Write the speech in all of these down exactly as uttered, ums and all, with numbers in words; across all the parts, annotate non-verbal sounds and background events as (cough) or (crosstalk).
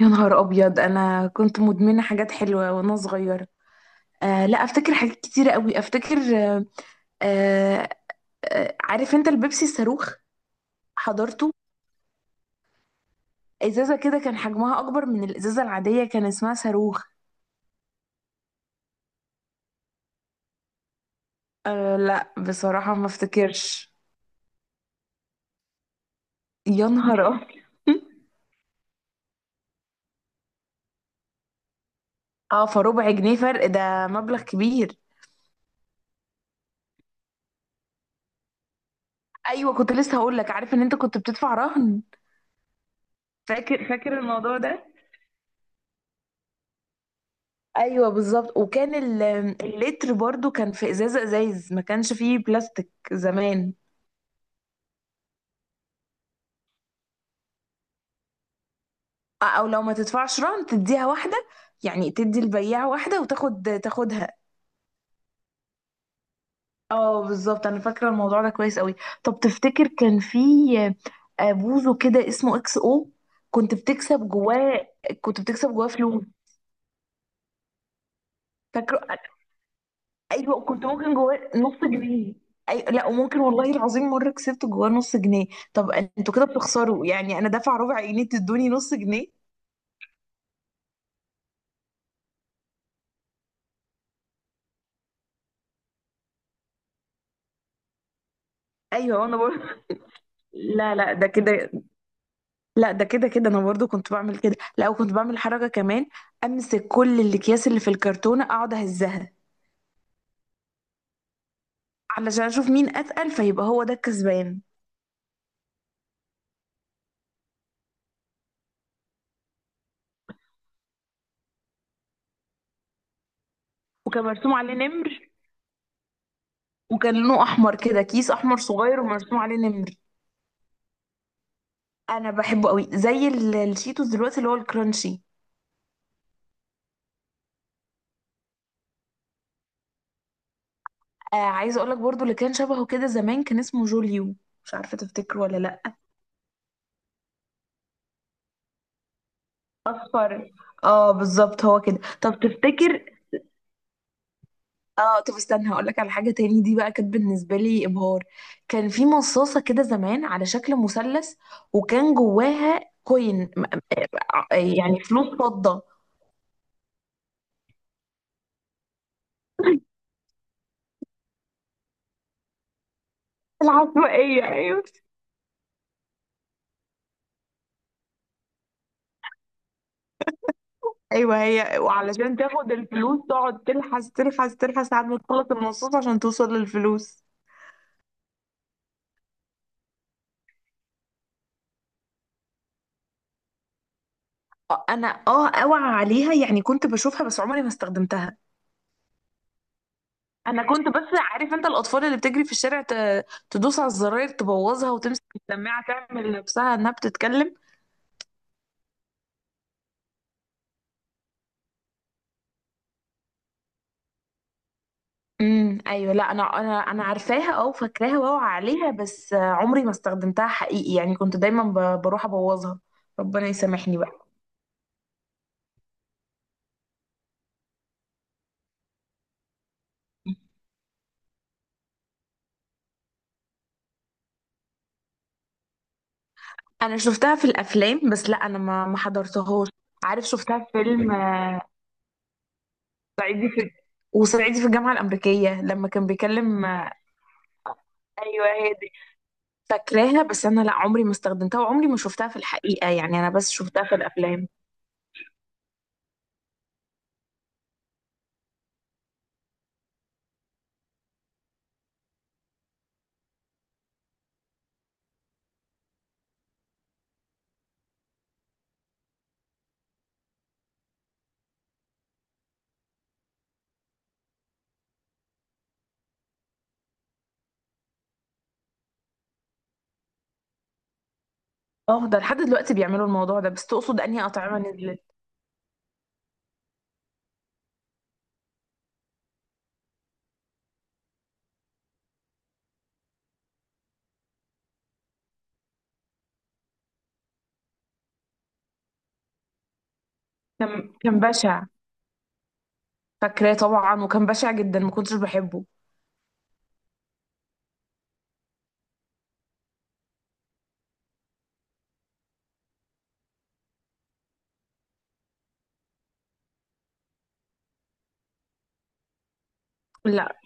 يا نهار ابيض! انا كنت مدمنه حاجات حلوه وانا صغيره. آه، لا، افتكر حاجات كتيره قوي، افتكر. آه. آه. آه، عارف انت البيبسي الصاروخ؟ حضرته. ازازه كده كان حجمها اكبر من الازازه العاديه، كان اسمها صاروخ. آه، لا، بصراحه ما افتكرش. يا نهار ابيض! (laughs) اه، فربع جنيه فرق، ده مبلغ كبير. ايوه، كنت لسه هقول لك، عارف ان انت كنت بتدفع رهن. فاكر، فاكر الموضوع ده. ايوه بالظبط، وكان ال- اللتر برضو كان في ازازه، ازايز ما كانش فيه بلاستيك زمان. او لو ما تدفعش رهن تديها واحده، يعني تدي البياع واحده وتاخد تاخدها. اه بالظبط، انا فاكره الموضوع ده كويس قوي. طب تفتكر كان في؟ آه، بوزو كده اسمه اكس او، كنت بتكسب جواه. كنت بتكسب جواه فلوس. فاكره. ايوه كنت ممكن جواه نص جنيه. اي، لا، وممكن والله العظيم مره كسبت جواه نص جنيه. طب انتوا كده بتخسروا يعني، انا دافعه ربع جنيه تدوني نص جنيه. ايوه، انا برضه. (laughs) لا، لا، ده كده. لا، ده كده كده، انا برضه كنت بعمل كده. لا، وكنت بعمل حركه كمان، امسك كل الاكياس اللي في الكرتونه اقعد اهزها علشان اشوف مين اتقل فيبقى هو ده الكسبان. وكان مرسوم عليه نمر. وكان لونه احمر كده، كيس احمر صغير ومرسوم عليه نمر. انا بحبه قوي زي ال- الشيتوس دلوقتي اللي هو الكرانشي. آه عايزه اقول لك برضو اللي كان شبهه كده زمان كان اسمه جوليو. مش عارفه تفتكره ولا لا. اصفر. اه بالظبط، هو كده. طب تفتكر؟ اه، طب استنى هقول لك على حاجه تاني، دي بقى كانت بالنسبه لي ابهار. كان في مصاصه كده زمان على شكل مثلث وكان جواها كوين م- ع- يعني فلوس فضه. العشوائية، ايوه. ايوه هي، وعلشان تاخد الفلوس تقعد تلحس تلحس تلحس لحد ما تخلص المصاص عشان توصل للفلوس. اه، انا، اه اوعى عليها، يعني كنت بشوفها بس عمري ما استخدمتها. انا كنت بس، عارف انت الاطفال اللي بتجري في الشارع ت- تدوس على الزراير تبوظها وتمسك السماعه تعمل نفسها انها بتتكلم. امم، ايوه، لا، انا انا انا عارفاها، اه، وفاكراها واوعى عليها بس آه، عمري ما استخدمتها حقيقي، يعني كنت دايما ب- بروح ابوظها. ربنا يسامحني بقى. انا شفتها في الافلام بس، لا انا ما ما حضرتهاش. عارف، شفتها في فيلم آه، صعيدي في... وصعيدي في الجامعه الامريكيه لما كان بيكلم. ايوه، هي دي. فاكراها، بس انا لا، عمري ما استخدمتها وعمري ما شفتها في الحقيقه، يعني انا بس شفتها في الافلام. اه، ده لحد دلوقتي بيعملوا الموضوع ده، بس تقصد انهي اطعمه نزلت؟ كان كان بشع. فاكراه طبعا وكان بشع جدا، ما كنتش بحبه. لا.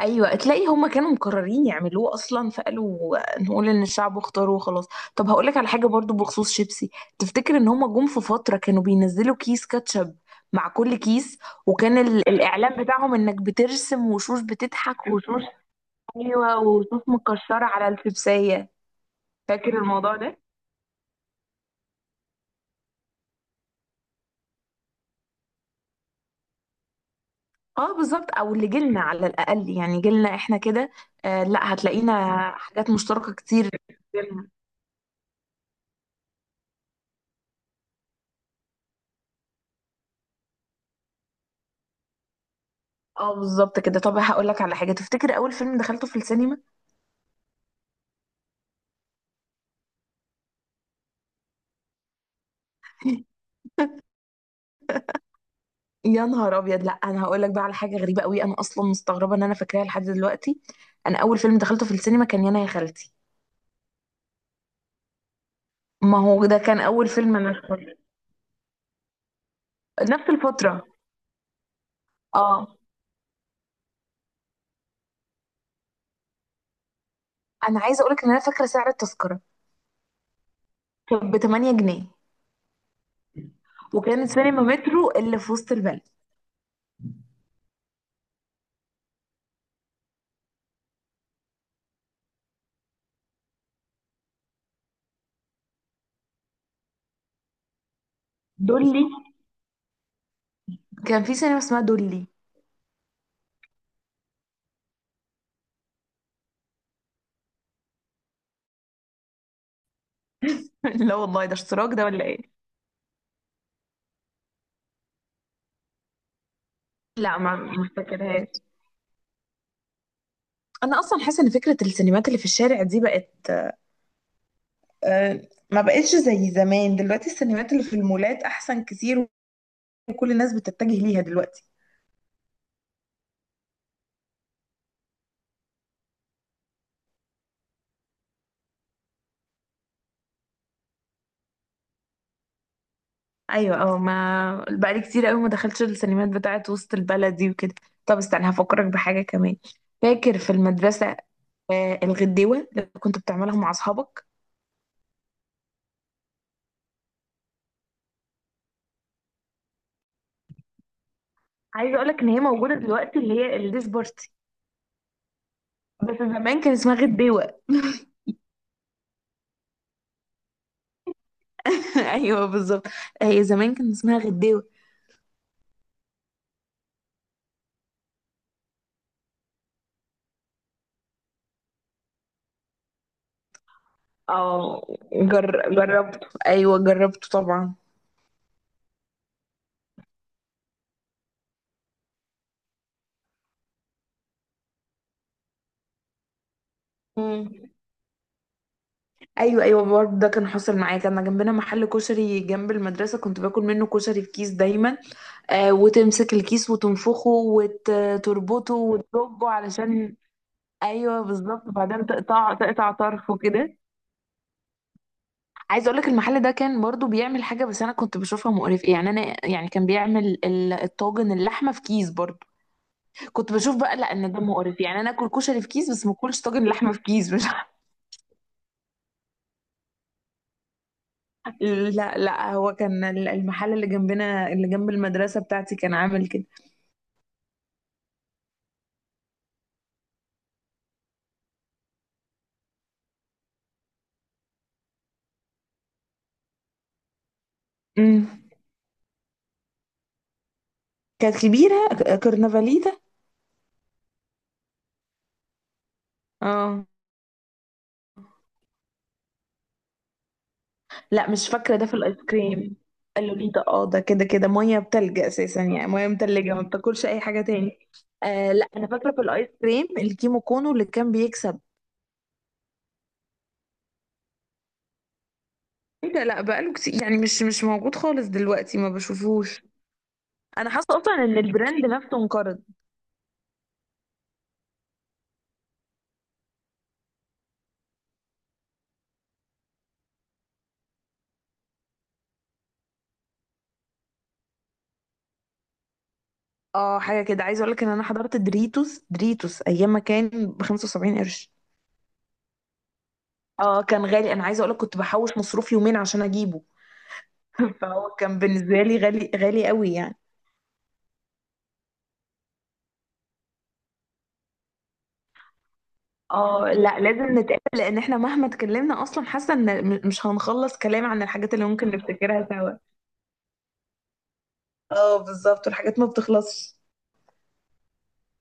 ايوه، تلاقي هما كانوا مقررين يعملوه اصلا فقالوا نقول ان الشعب اختاره وخلاص. طب هقولك على حاجه برضو بخصوص شيبسي، تفتكر ان هما جم في فتره كانوا بينزلوا كيس كاتشب مع كل كيس؟ وكان ال- الاعلان بتاعهم انك بترسم وشوش بتضحك وشوش. (laughs) ايوه، وشوش مكشره على الشيبسيه. فاكر الموضوع ده؟ اه بالظبط، او اللي جيلنا على الاقل، يعني جيلنا احنا كده. آه، لا، هتلاقينا حاجات مشتركه كتير. اه، بالظبط كده. طب هقول لك على حاجه، تفتكر اول فيلم دخلته في السينما؟ (laughs) يا نهار ابيض! لا، انا هقول لك بقى على حاجه غريبه قوي، انا اصلا مستغربه ان انا فاكراها لحد دلوقتي. انا اول فيلم دخلته في السينما كان يانا يا خالتي. ما هو ده كان اول فيلم انا دخلته. نفس الفتره. اه. انا عايزه اقول لك ان انا فاكره سعر التذكره. كان ب تمن جنيه. وكانت سينما مترو اللي في وسط البلد. دولي، كان في سينما اسمها دولي. (laughs) لا والله، ده اشتراك ده ولا ايه؟ لا، ما ما فاكرهاش. انا اصلا حاسه ان فكره السينمات اللي في الشارع دي بقت آه، ما بقتش زي زمان. دلوقتي السينمات اللي في المولات احسن كتير، وكل الناس بتتجه ليها دلوقتي. ايوه، اه، ما بقالي كتير قوي ما دخلتش السينمات بتاعت وسط البلد دي وكده. طب استنى هفكرك بحاجه كمان، فاكر في المدرسه آه، الغديوه اللي كنت بتعملها مع اصحابك؟ عايزه اقولك ان هي موجوده دلوقتي، اللي هي الديش بارتي، بس زمان كان اسمها غديوه. (laughs) ايوه، بالظبط، هي زمان كان اسمها غديوه. اه، جر... جربته، ايوه جربته طبعا. مم. ايوه، ايوه، برضه ده كان حاصل معايا، كان جنبنا محل كشري جنب المدرسه، كنت باكل منه كشري في كيس دايما. آه وتمسك الكيس وتنفخه وتربطه وتزجه علشان... ايوه بالظبط، وبعدين تقطع تقطع طرفه كده. عايزه اقول لك المحل ده كان برضه بيعمل حاجه بس انا كنت بشوفها مقرفه، يعني انا، يعني كان بيعمل ال- الطاجن اللحمه في كيس برضه. كنت بشوف بقى لا، ان ده مقرف، يعني انا اكل كشري في كيس بس ما اكلش طاجن لحمه في كيس، مش... لا، لا، هو كان ال- المحل اللي جنبنا، اللي جنب المدرسة بتاعتي، كان عامل كده. امم. كانت كبيرة، ك- كرنفاليتا. اه لا، مش فاكرة ده في الايس كريم. اللوليتا، اه، ده كده كده مية بتلج اساسا، يعني مية متلجة ما بتاكلش اي حاجة تاني. آه، لا، انا فاكرة في الايس كريم الكيمو كونو اللي كان بيكسب. ايه ده، لا، بقاله كتير يعني، مش مش موجود خالص دلوقتي، ما بشوفوش. انا حاسة اصلا ان البراند نفسه انقرض. اه، حاجة كده، عايزة اقولك ان انا حضرت دريتوس دريتوس ايام ما كان ب خمسة وسبعين قرش. اه، كان غالي. انا عايزة اقولك كنت بحوش مصروف يومين عشان اجيبه. (laughs) فهو كان بالنسبة لي غالي غالي قوي يعني. اه لا، لازم نتقابل لان احنا مهما اتكلمنا اصلا حاسة ان م- مش هنخلص كلام عن الحاجات اللي ممكن نفتكرها سوا. اه بالظبط، والحاجات ما بتخلصش.